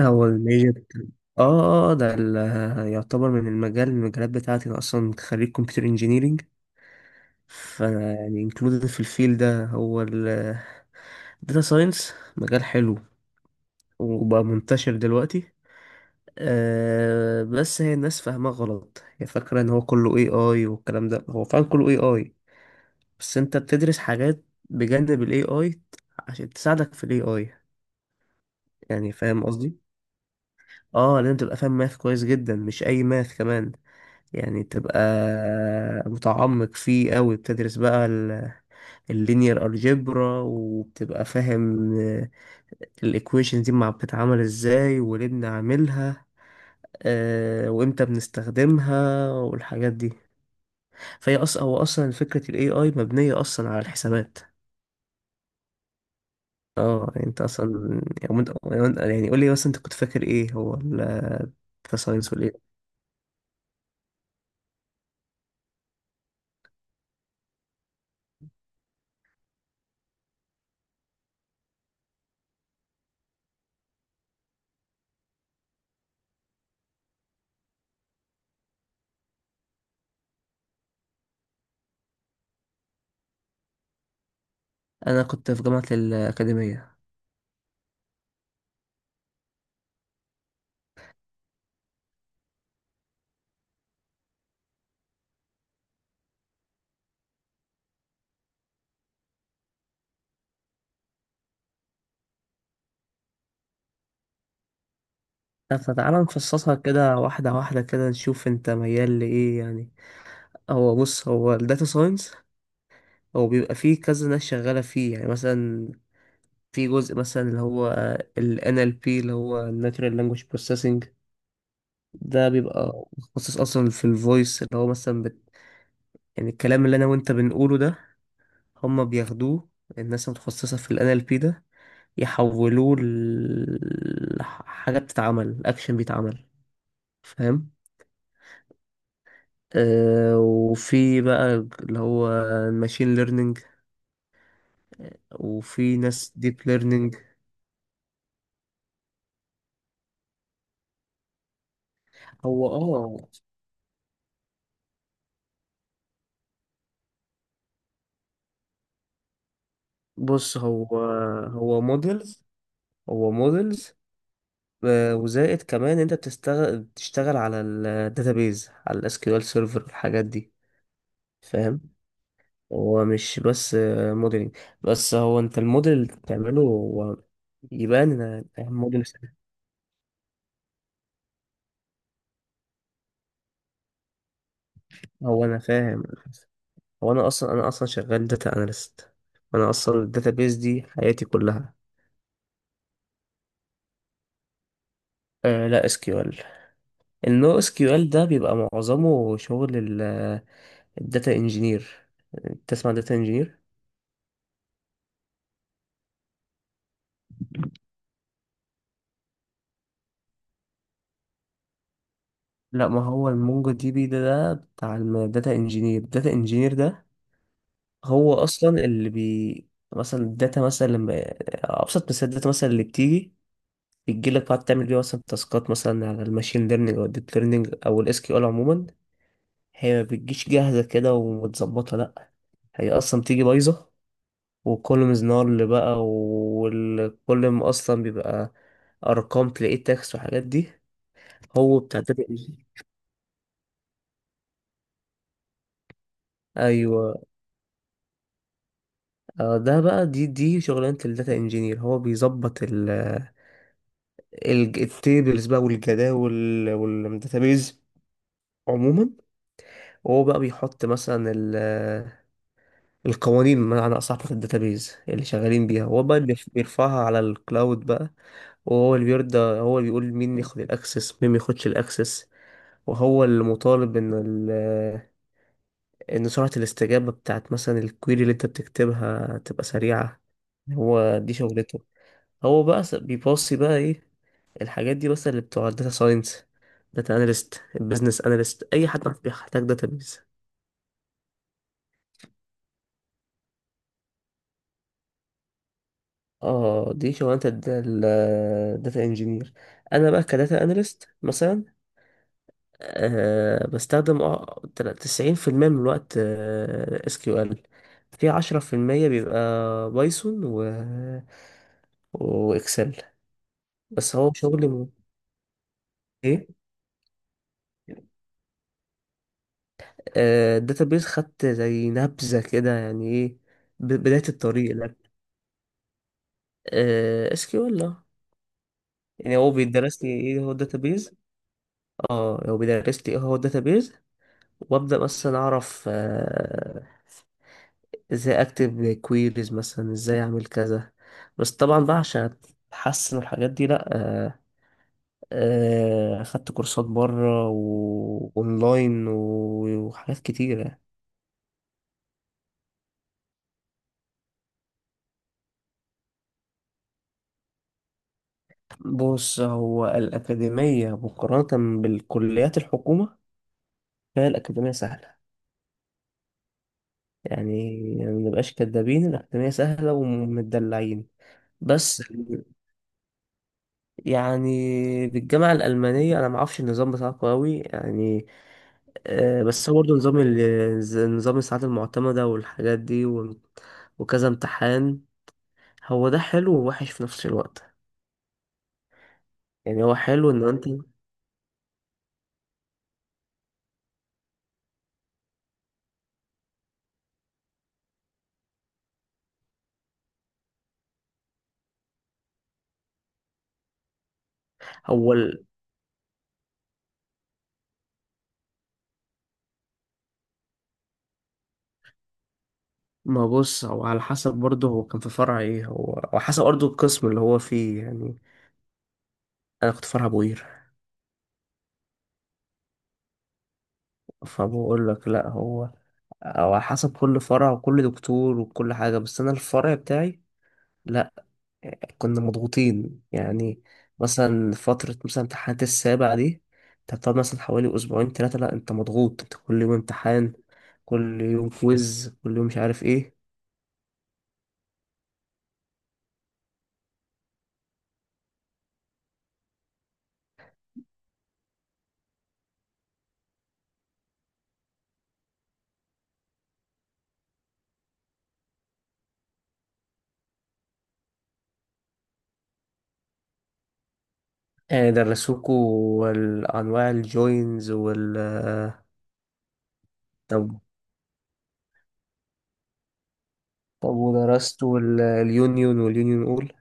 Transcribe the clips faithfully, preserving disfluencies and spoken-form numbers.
هو الميجر. اه آه، ده ال- يعتبر من المجال من المجالات بتاعتي. انا اصلا خريج كمبيوتر انجينيرينج. فانا يعني انكلودد في الفيل ده. هو الداتا ساينس مجال حلو وبقى منتشر دلوقتي. آه بس هي الناس فاهماه غلط، هي فاكرة ان هو كله اي اي والكلام ده، هو فعلا كله اي اي. بس انت بتدرس حاجات بجانب الاي اي عشان تساعدك في الاي اي، يعني فاهم قصدي؟ اه، لازم تبقى فاهم ماث كويس جدا، مش اي ماث كمان، يعني تبقى متعمق فيه أوي. بتدرس بقى اللينير الجبرا وبتبقى فاهم الإيكويشن دي مع بتتعمل إزاي وليه بنعملها، آه، وإمتى بنستخدمها والحاجات دي. فهي أصلا هو أصلا فكرة ال A I مبنية أصلا على الحسابات. اه، يعني انت اصلا، يعني وأنت- يعني قول لي مثلا انت كنت فاكر ايه هو ال- الداتا ساينس ولا ايه؟ انا كنت في جامعة الأكاديمية. لا، فتعالى نفصصها كده واحدة واحدة كده نشوف انت ميال لإيه يعني. هو بص، هو الداتا ساينس هو بيبقى فيه كذا ناس شغالة فيه. يعني مثلا في جزء مثلا اللي هو ال N L P اللي هو Natural Language Processing. ده بيبقى متخصص أصلا في الفويس، اللي هو مثلا بت... يعني الكلام اللي أنا وأنت بنقوله ده هما بياخدوه، الناس المتخصصة في ال إن إل بي ده يحولوه ل- لحاجة بتتعمل، أكشن بيتعمل. فاهم؟ آه، وفي بقى اللي هو الماشين ليرنينج، وفي ناس ديب ليرنينج. هو اه بص، هو هو موديلز. هو موديلز وزائد كمان انت بتشتغل بتشتغل على الداتابيز، على الاس كيو ال سيرفر الحاجات دي. فاهم؟ هو مش بس موديلنج بس، هو انت الموديل اللي بتعمله هو يبان ان فاهم موديل. هو انا فاهم، هو انا اصلا انا اصلا شغال داتا اناليست. انا اصلا الداتا بيز دي حياتي كلها. آه لا، اس كيو ال. النو اس كيو ال ده بيبقى معظمه شغل الداتا انجينير. تسمع داتا انجينير؟ لا، ما هو المونجو دي بي ده, ده بتاع الداتا انجينير. الداتا انجينير ده هو اصلا اللي بي مثلا الداتا مثلا لما، آه، ابسط مثال، الداتا مثلا اللي بتيجي بتجيلك بقى تعمل بيها مثلا تاسكات مثلا على الماشين ليرنينج او الديب ليرنينج او الاس كيو ال عموما. هي ما بتجيش جاهزة كده ومتظبطة، لأ. هي أصلا بتيجي بايظة، وكل مزنار اللي بقى وكل ما أصلا بيبقى أرقام تلاقيه تاكس وحاجات دي. هو بتاع داتا انجينير. أيوة، آه، ده بقى دي دي شغلانة الداتا انجينير. هو بيظبط ال ال- التيبلز بقى والجداول والداتابيز عموما. وهو بقى بيحط مثلا ال- القوانين، بمعنى أصح بتاعت الداتابيز اللي شغالين بيها. هو بقى بيرف- بيرفعها على الكلاود بقى. وهو اللي بيرضى، هو اللي بيقول مين ياخد الاكسس مين ما ياخدش الاكسس. وهو اللي مطالب ان ال ان سرعة الاستجابة بتاعت مثلا الكويري اللي انت بتكتبها تبقى سريعة. هو دي شغلته. هو بقى س- بيباصي بقى ايه الحاجات دي، بس اللي بتوع الداتا ساينس، داتا اناليست، البيزنس اناليست، اي حد بيحتاج داتابيز. اه دي شغلانة الداتا انجينير. انا بقى كداتا اناليست مثلا، أه بستخدم اه تسعين في المية من الوقت اس كيو ال، في عشرة في المية بيبقى بايثون و واكسل. بس هو شغلي م- ايه، آه، الداتابيز خدت زي نبذة كده، يعني ايه ب- بداية الطريق لك. اس كيو ال. يعني هو بيدرس لي ايه هو الداتابيز. اه، هو بيدرس لي ايه هو الداتابيز، وابدا مثلا اعرف آه ازاي اكتب كويريز، مثلا ازاي اعمل كذا. بس طبعا بقى عشان اتحسن الحاجات دي، لا، آه، آه، اخدت كورسات بره واونلاين وحاجات كتيرة. بص، هو الأكاديمية مقارنة بالكليات الحكومة، فهي الأكاديمية سهلة. يعني ما نبقاش كدابين، الأكاديمية سهلة ومدلعين. بس يعني بالجامعة الألمانية أنا معرفش النظام بتاعكم أوي يعني. آه، بس هو برضه نظام ال- ز- نظام الساعات المعتمدة والحاجات دي و- وكذا امتحان. هو ده حلو ووحش في نفس الوقت، يعني هو حلو إن أنت... هو ال- ما بص، هو على حسب برضه، هو كان في فرع إيه؟ هو على حسب برضه القسم اللي هو فيه يعني. أنا كنت فرع بوير. فبقول لك لأ، هو هو على حسب كل فرع وكل دكتور وكل حاجة. بس أنا الفرع بتاعي، لا، كنا مضغوطين يعني. مثلا فترة مثلا امتحانات السابع دي، انت بتقعد مثلا حوالي أسبوعين تلاتة، لأ، أنت مضغوط، أنت كل يوم امتحان، كل يوم كويز، كل يوم مش عارف ايه. آه، درسوكوا ال- أنواع الجوينز وال... طب، طب ودرستوا ال- اليونيون واليونيون أول؟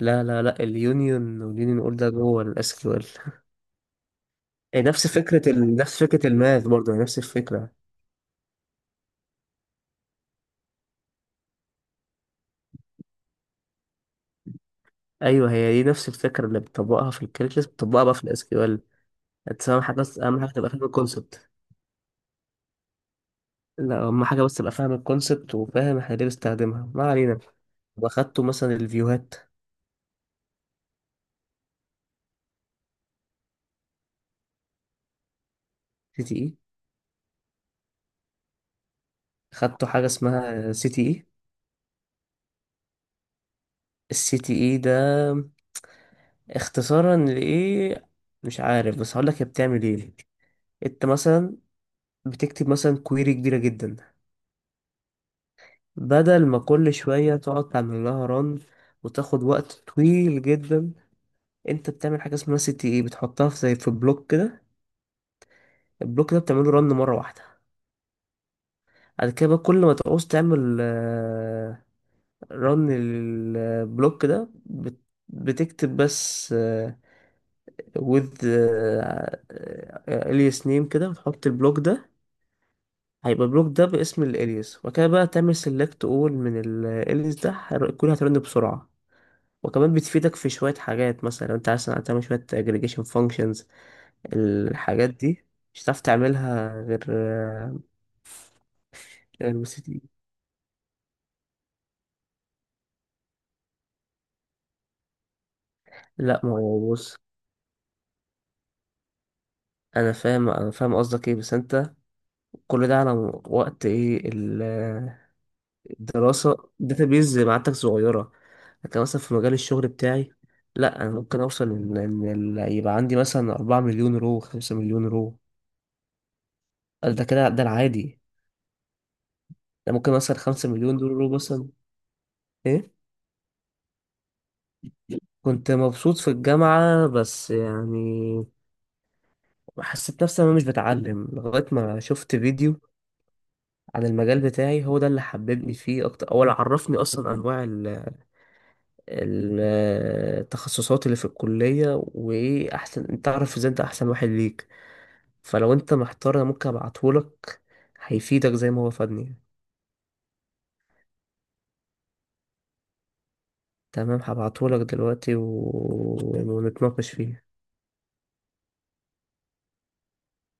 لا لا لا، اليونيون واليونيون أول ده جوه الاس كيو ال اس كيو ال. إيه، نفس فكرة ال... نفس فكرة الماث برضه، يعني نفس الفكرة. أيوه، هي دي نفس الفكرة اللي بتطبقها في الكالكلس بتطبقها بقى في الاس كيو ال اس كيو ال. بس اهم حاجه بس اهم حاجه تبقى فاهم الكونسبت. لا، اهم حاجه بس تبقى فاهم الكونسبت وفاهم احنا ليه بنستخدمها، ما علينا. واخدته مثلا الفيوهات، سي تي اي، خدته حاجه اسمها سي تي اي. السي تي اي ده اختصارا لايه؟ مش عارف، بس هقول لك هي بتعمل ايه. انت مثلا بتكتب مثلا كويري كبيره جدا، بدل ما كل شويه تقعد تعمل لها ران وتاخد وقت طويل جدا، انت بتعمل حاجه اسمها سي تي اي، بتحطها في زي في بلوك كده، البلوك ده بتعمله رن مره واحده. بعد كده بقى كل ما تعوز تعمل، آه، رن للبلوك ده، بت- بتكتب بس، آه، with اليس name كده وتحط البلوك ده، هيبقى البلوك ده باسم الاليس. وكده بقى تعمل سيلكت اول من الاليس ده هير- كل هترن بسرعة. وكمان بتفيدك في شوية حاجات، مثلا لو انت عايز تعمل شوية aggregation functions الحاجات دي مش هتعرف تعملها غير آه، غير بس دي. لا، ما هو بص، انا فاهم انا فاهم قصدك ايه. بس انت كل ده على وقت ايه ال- الدراسة الداتابيز معادتك صغيرة. لكن مثلا في مجال الشغل بتاعي، لا، انا ممكن اوصل ان إن ال- يبقى عندي مثلا 4 مليون رو 5 مليون رو، قال ده كده ده العادي. ده ممكن مثلا 5 مليون دول رو مثلا. ايه، كنت مبسوط في الجامعة بس يعني، حسيت نفسي انا مش بتعلم لغاية ما شفت فيديو عن المجال بتاعي، هو ده اللي حببني فيه اكتر. اول عرفني اصلا انواع التخصصات اللي في الكلية، وايه احسن؟ انت تعرف ازاي انت احسن واحد ليك. فلو انت محتار انا ممكن ابعتهولك، هيفيدك زي ما هو فادني. تمام، هبعتهولك دلوقتي و... ونتناقش فيه